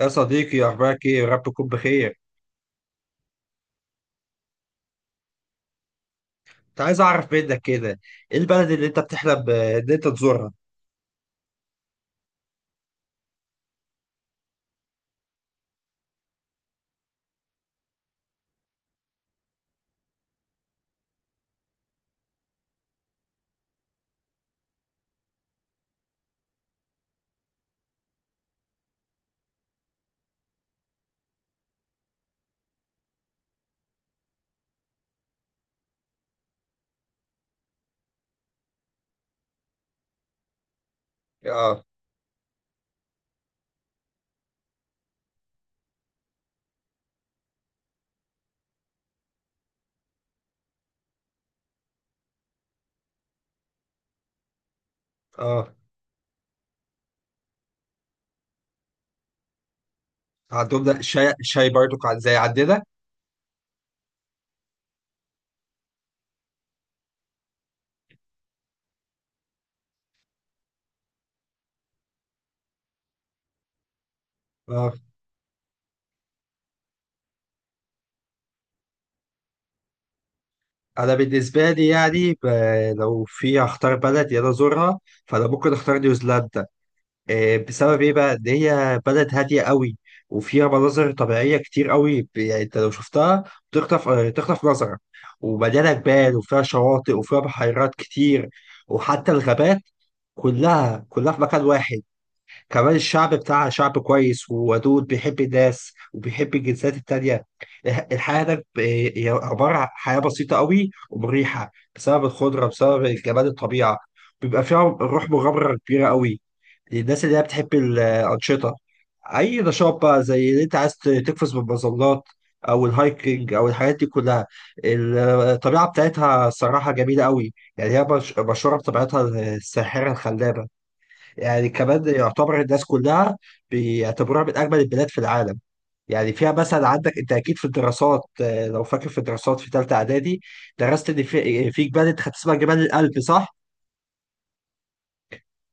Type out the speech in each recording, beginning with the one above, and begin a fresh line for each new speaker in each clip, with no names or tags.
يا صديقي أخبارك إيه؟ ربكم بخير. كنت عايز أعرف منك كده. إيه البلد اللي أنت بتحلم إن أنت تزورها؟ آه. آه، عندهم ده الشاي الشاي برضو زي عندنا؟ آه. أنا بالنسبة لي، يعني لو في هختار بلد يلا أزورها. فأنا ممكن أختار نيوزيلندا. بسبب إيه بقى؟ إن هي بلد هادية قوي، وفيها مناظر طبيعية كتير قوي. يعني أنت لو شفتها بتخطف، تخطف نظرك. ومليانة جبال، وفيها شواطئ، وفيها بحيرات كتير، وحتى الغابات، كلها كلها في مكان واحد. كمان الشعب بتاعها شعب كويس وودود، بيحب الناس وبيحب الجنسيات التانية. الحياة هناك، هي عبارة عن حياة بسيطة قوي ومريحة، بسبب الخضرة، بسبب جمال الطبيعة. بيبقى فيها روح مغامرة كبيرة قوي للناس اللي هي بتحب الأنشطة. أي نشاط بقى، زي اللي أنت عايز تقفز بالمظلات، أو الهايكنج، أو الحاجات دي كلها. الطبيعة بتاعتها صراحة جميلة قوي. يعني هي مشهورة بطبيعتها الساحرة الخلابة. يعني كمان، يعتبر الناس كلها بيعتبروها من أجمل البلاد في العالم. يعني فيها مثلا، عندك أنت أكيد في الدراسات، لو فاكر في الدراسات في ثالثة إعدادي، درست إن في إيه، في جبال أنت خدت اسمها جبال الألب، صح؟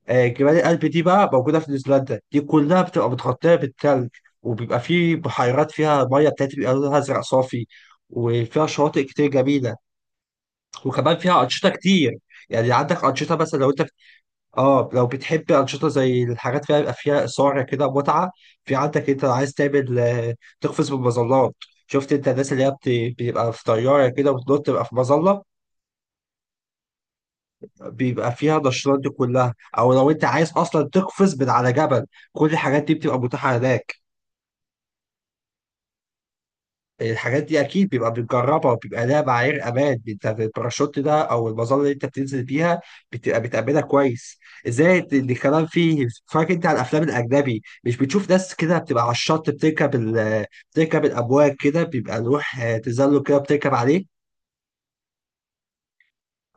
جبال الألب دي بقى موجودة في نيوزيلندا. دي كلها بتبقى متغطية بالثلج، وبيبقى في بحيرات فيها مية بتاعتي بيبقى لونها أزرق صافي. وفيها شواطئ كتير جميلة، وكمان فيها أنشطة كتير. يعني عندك أنشطة، مثلا لو أنت، اه، لو بتحب انشطه زي الحاجات فيها، يبقى فيها اثاره كده، متعه. في عندك انت عايز تعمل، تقفز بالمظلات. شفت انت الناس اللي هي بيبقى في طياره كده وتنط، تبقى في مظله. بيبقى فيها النشاطات دي كلها، او لو انت عايز اصلا تقفز من على جبل، كل الحاجات دي بتبقى متاحه هناك. الحاجات دي اكيد بيبقى بتجربها وبيبقى لها معايير امان. انت في الباراشوت ده، او المظله اللي انت بتنزل بيها، بتبقى بتأمنها كويس. زائد ان الكلام فيه، فاكر انت على الافلام الاجنبي مش بتشوف ناس كده بتبقى على الشط بتركب بتركب الامواج كده؟ بيبقى لوح، تزلج كده بتركب عليه.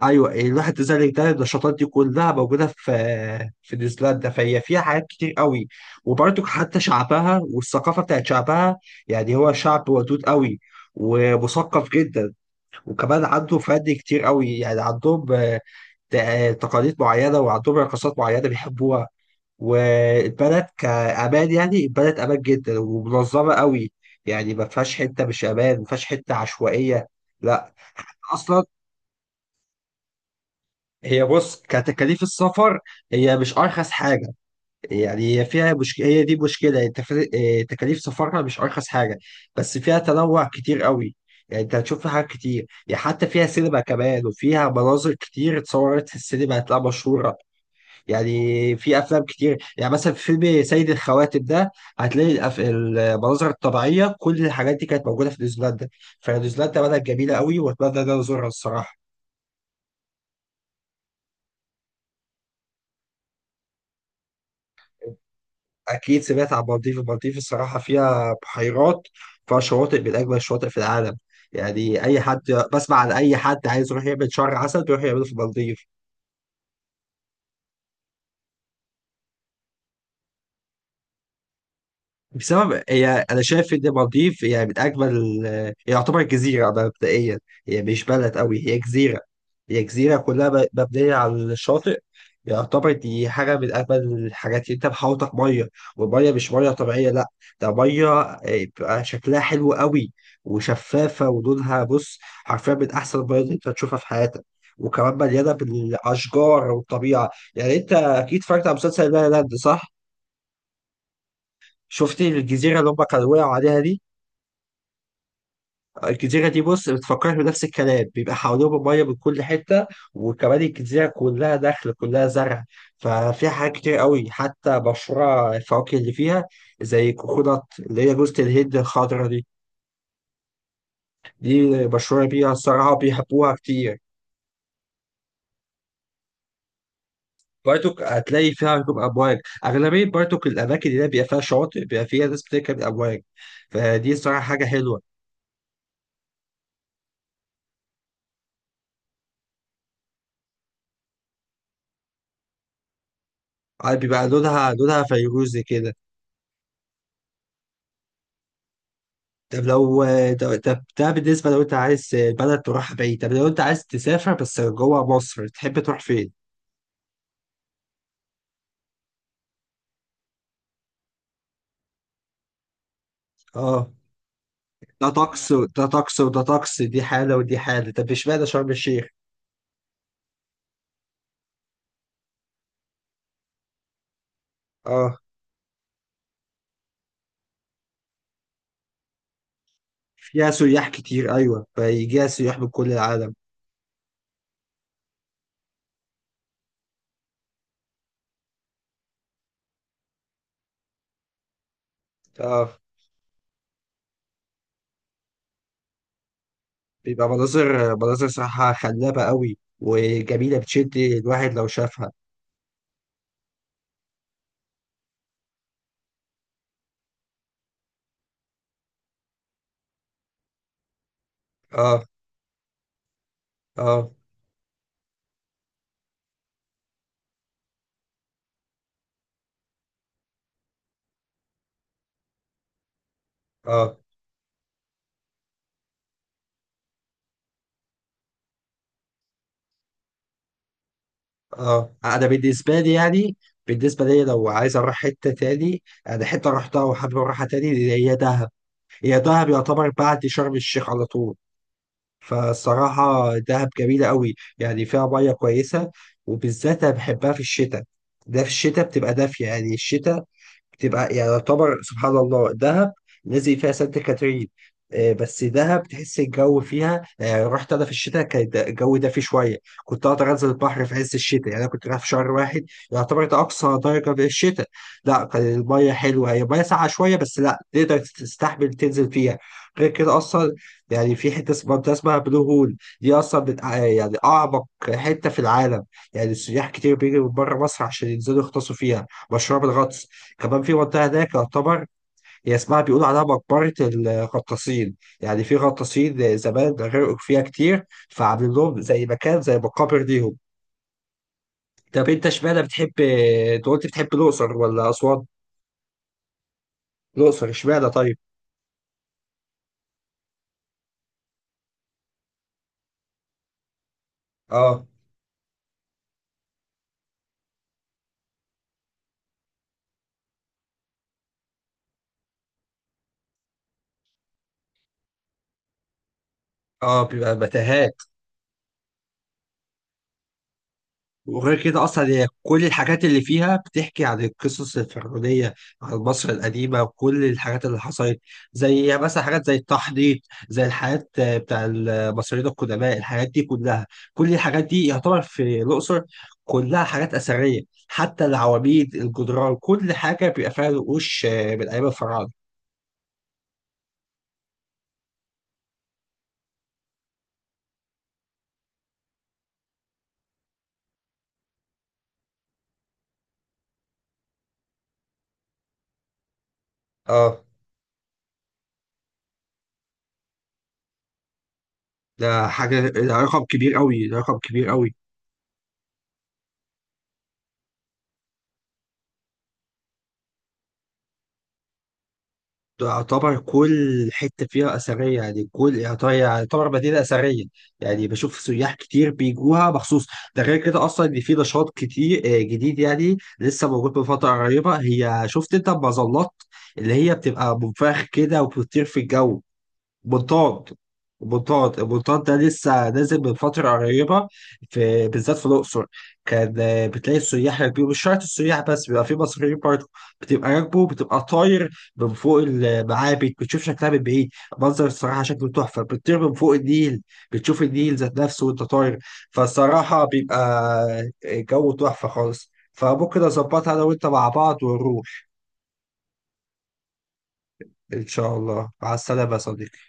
ايوه، اللوح التزلج ده، النشاطات دي كلها موجوده في، في نيوزيلندا. فهي فيها حاجات كتير قوي. وبرضك حتى شعبها والثقافه بتاعت شعبها، يعني هو شعب ودود قوي، ومثقف جدا. وكمان عنده فن كتير قوي. يعني عندهم، تقاليد معينة، وعندهم رقصات معينة بيحبوها. والبلد كأمان، يعني البلد أمان جدا ومنظمة قوي. يعني ما فيهاش حتة مش أمان، ما فيهاش حتة عشوائية، لا أصلا. هي بص، كتكاليف السفر هي مش أرخص حاجة. يعني هي فيها، هي دي مشكلة التف... آه، تكاليف سفرها مش أرخص حاجة. بس فيها تنوع كتير قوي. يعني أنت هتشوف فيها حاجات كتير. يعني حتى فيها سينما كمان، وفيها مناظر كتير اتصورت في السينما هتلاقيها مشهورة. يعني في أفلام كتير، يعني مثلا في فيلم سيد الخواتم ده هتلاقي المناظر الطبيعية، كل الحاجات دي كانت موجودة في نيوزيلندا. فنيوزيلندا بلد جميلة قوي، وأتمنى إن أنا أزورها الصراحة. اكيد سمعت عن المالديف. المالديف الصراحه فيها بحيرات، فيها شواطئ من اجمل الشواطئ في العالم. يعني اي حد بسمع عن اي حد عايز يروح يعمل شهر عسل، بيروح يعمله في المالديف. بسبب هي، انا شايف ان المالديف هي من اجمل. هي يعتبر جزيره، ده مبدئيا، هي مش بلد قوي، هي جزيره. هي جزيره كلها مبنيه على الشاطئ. يعتبر دي حاجه من اجمل الحاجات، اللي انت محاوطك ميه. والميه مش ميه طبيعيه، لا، ده ميه، بيبقى شكلها حلو قوي، وشفافه، ولونها بص حرفيا من احسن الميه اللي انت هتشوفها في حياتك. وكمان مليانه بالاشجار والطبيعه. يعني انت اكيد اتفرجت على مسلسل لا لا لاند، صح؟ شفت الجزيره اللي هم كانوا وقعوا عليها دي؟ الجزيرة دي، بص، بتفكرني بنفس الكلام. بيبقى حواليهم مية من كل حتة، وكمان الجزيرة كلها دخل كلها زرع. ففيها حاجات كتير قوي، حتى مشروع الفواكه اللي فيها، زي كوكونات اللي هي جوزة الهند الخضرا دي. دي مشهورة بيها الصراحة، بيحبوها كتير. بارتوك هتلاقي فيها ركوب أمواج. أغلبية بارتوك الأماكن اللي هي بيبقى فيها شواطئ بيبقى فيها ناس بتركب أمواج. فدي الصراحة حاجة حلوة. بيبقى لونها فيروزي كده. طب لو طب ده بالنسبة، لو انت عايز بلد تروح بعيد. طب لو انت عايز تسافر بس جوه مصر، تحب تروح فين؟ اه. ده طقس، وده طقس، وده طقس، دي حالة، ودي حالة. طب اشمعنى شرم الشيخ؟ اه. فيها سياح كتير، ايوه، فيجيها سياح من كل العالم. اه. بيبقى مناظر مناظر صراحة خلابة قوي وجميلة، بتشد الواحد لو شافها. اه، اه، اه، اه، انا بالنسبه لي، يعني بالنسبه لي لو عايز اروح حته تاني، انا حته رحتها وحابب اروحها تاني، هي دهب. يعتبر بعد شرم الشيخ على طول. فالصراحه دهب جميله قوي، يعني فيها ميه كويسه. وبالذات انا بحبها في الشتاء. ده في الشتاء بتبقى دافيه. يعني الشتاء، تبقى، يعني يعتبر سبحان الله دهب، نزل فيها سانت كاترين. بس دهب تحس الجو فيها. يعني رحت انا في الشتاء، كان الجو دافي شويه. كنت اقدر انزل البحر في عز الشتاء. يعني انا كنت رايح في شهر واحد، يعتبر ده اقصى درجه في الشتاء. لا، كان الميه حلوه، هي الميه ساقعه شويه، بس لا، تقدر تستحمل تنزل فيها. غير كده اصلا، يعني في حته اسمها، منطقة اسمها بلو هول، دي اصلا من، يعني اعمق حته في العالم. يعني السياح كتير بيجوا من بره مصر عشان ينزلوا يغطسوا فيها، مشروع بالغطس. كمان في منطقة هناك، يعتبر هي اسمها، بيقولوا عليها مقبرة الغطاسين. يعني في غطاسين زمان غرقوا فيها كتير، فعاملين لهم زي مكان، زي مقابر ليهم. طب انت اشمعنى بتحب، انت قلت بتحب الأقصر ولا أسوان؟ الأقصر اشمعنى طيب؟ اه. اه، بيبقى متاهات. وغير كده اصلا، هي كل الحاجات اللي فيها بتحكي عن القصص الفرعونيه، عن مصر القديمه، وكل الحاجات اللي حصلت، زي مثلا حاجات زي التحنيط، زي الحاجات، بتاع المصريين القدماء، الحاجات دي كلها، كل الحاجات دي يعتبر في الاقصر كلها حاجات اثريه. حتى العواميد، الجدران، كل حاجه بيبقى فيها نقوش، من ايام الفراعنه. اه، ده حاجه، ده رقم كبير قوي، ده رقم كبير قوي. تعتبر كل حتة فيها أثرية. يعني كل، يعتبر مدينة أثرية. يعني بشوف سياح كتير بيجوها مخصوص. ده غير كده، أصلا إن في نشاط كتير، جديد، يعني لسه موجود من فترة قريبة. هي شفت أنت المظلات اللي هي بتبقى منفخ كده وبتطير في الجو، بطاط بطاط. البطاط ده لسه نازل من فترة قريبة، في بالذات في الأقصر. كان، بتلاقي السياح راكبين، مش شرط السياح بس، بيبقى في مصريين برضه، بتبقى راكبه، بتبقى طاير من فوق المعابد. بتشوف شكلها من بعيد، منظر الصراحة شكله تحفة. بتطير من فوق النيل، بتشوف النيل ذات نفسه وأنت طاير. فالصراحة بيبقى جو تحفة خالص. فممكن أظبطها أنا وأنت مع بعض ونروح. إن شاء الله، مع السلامة يا صديقي.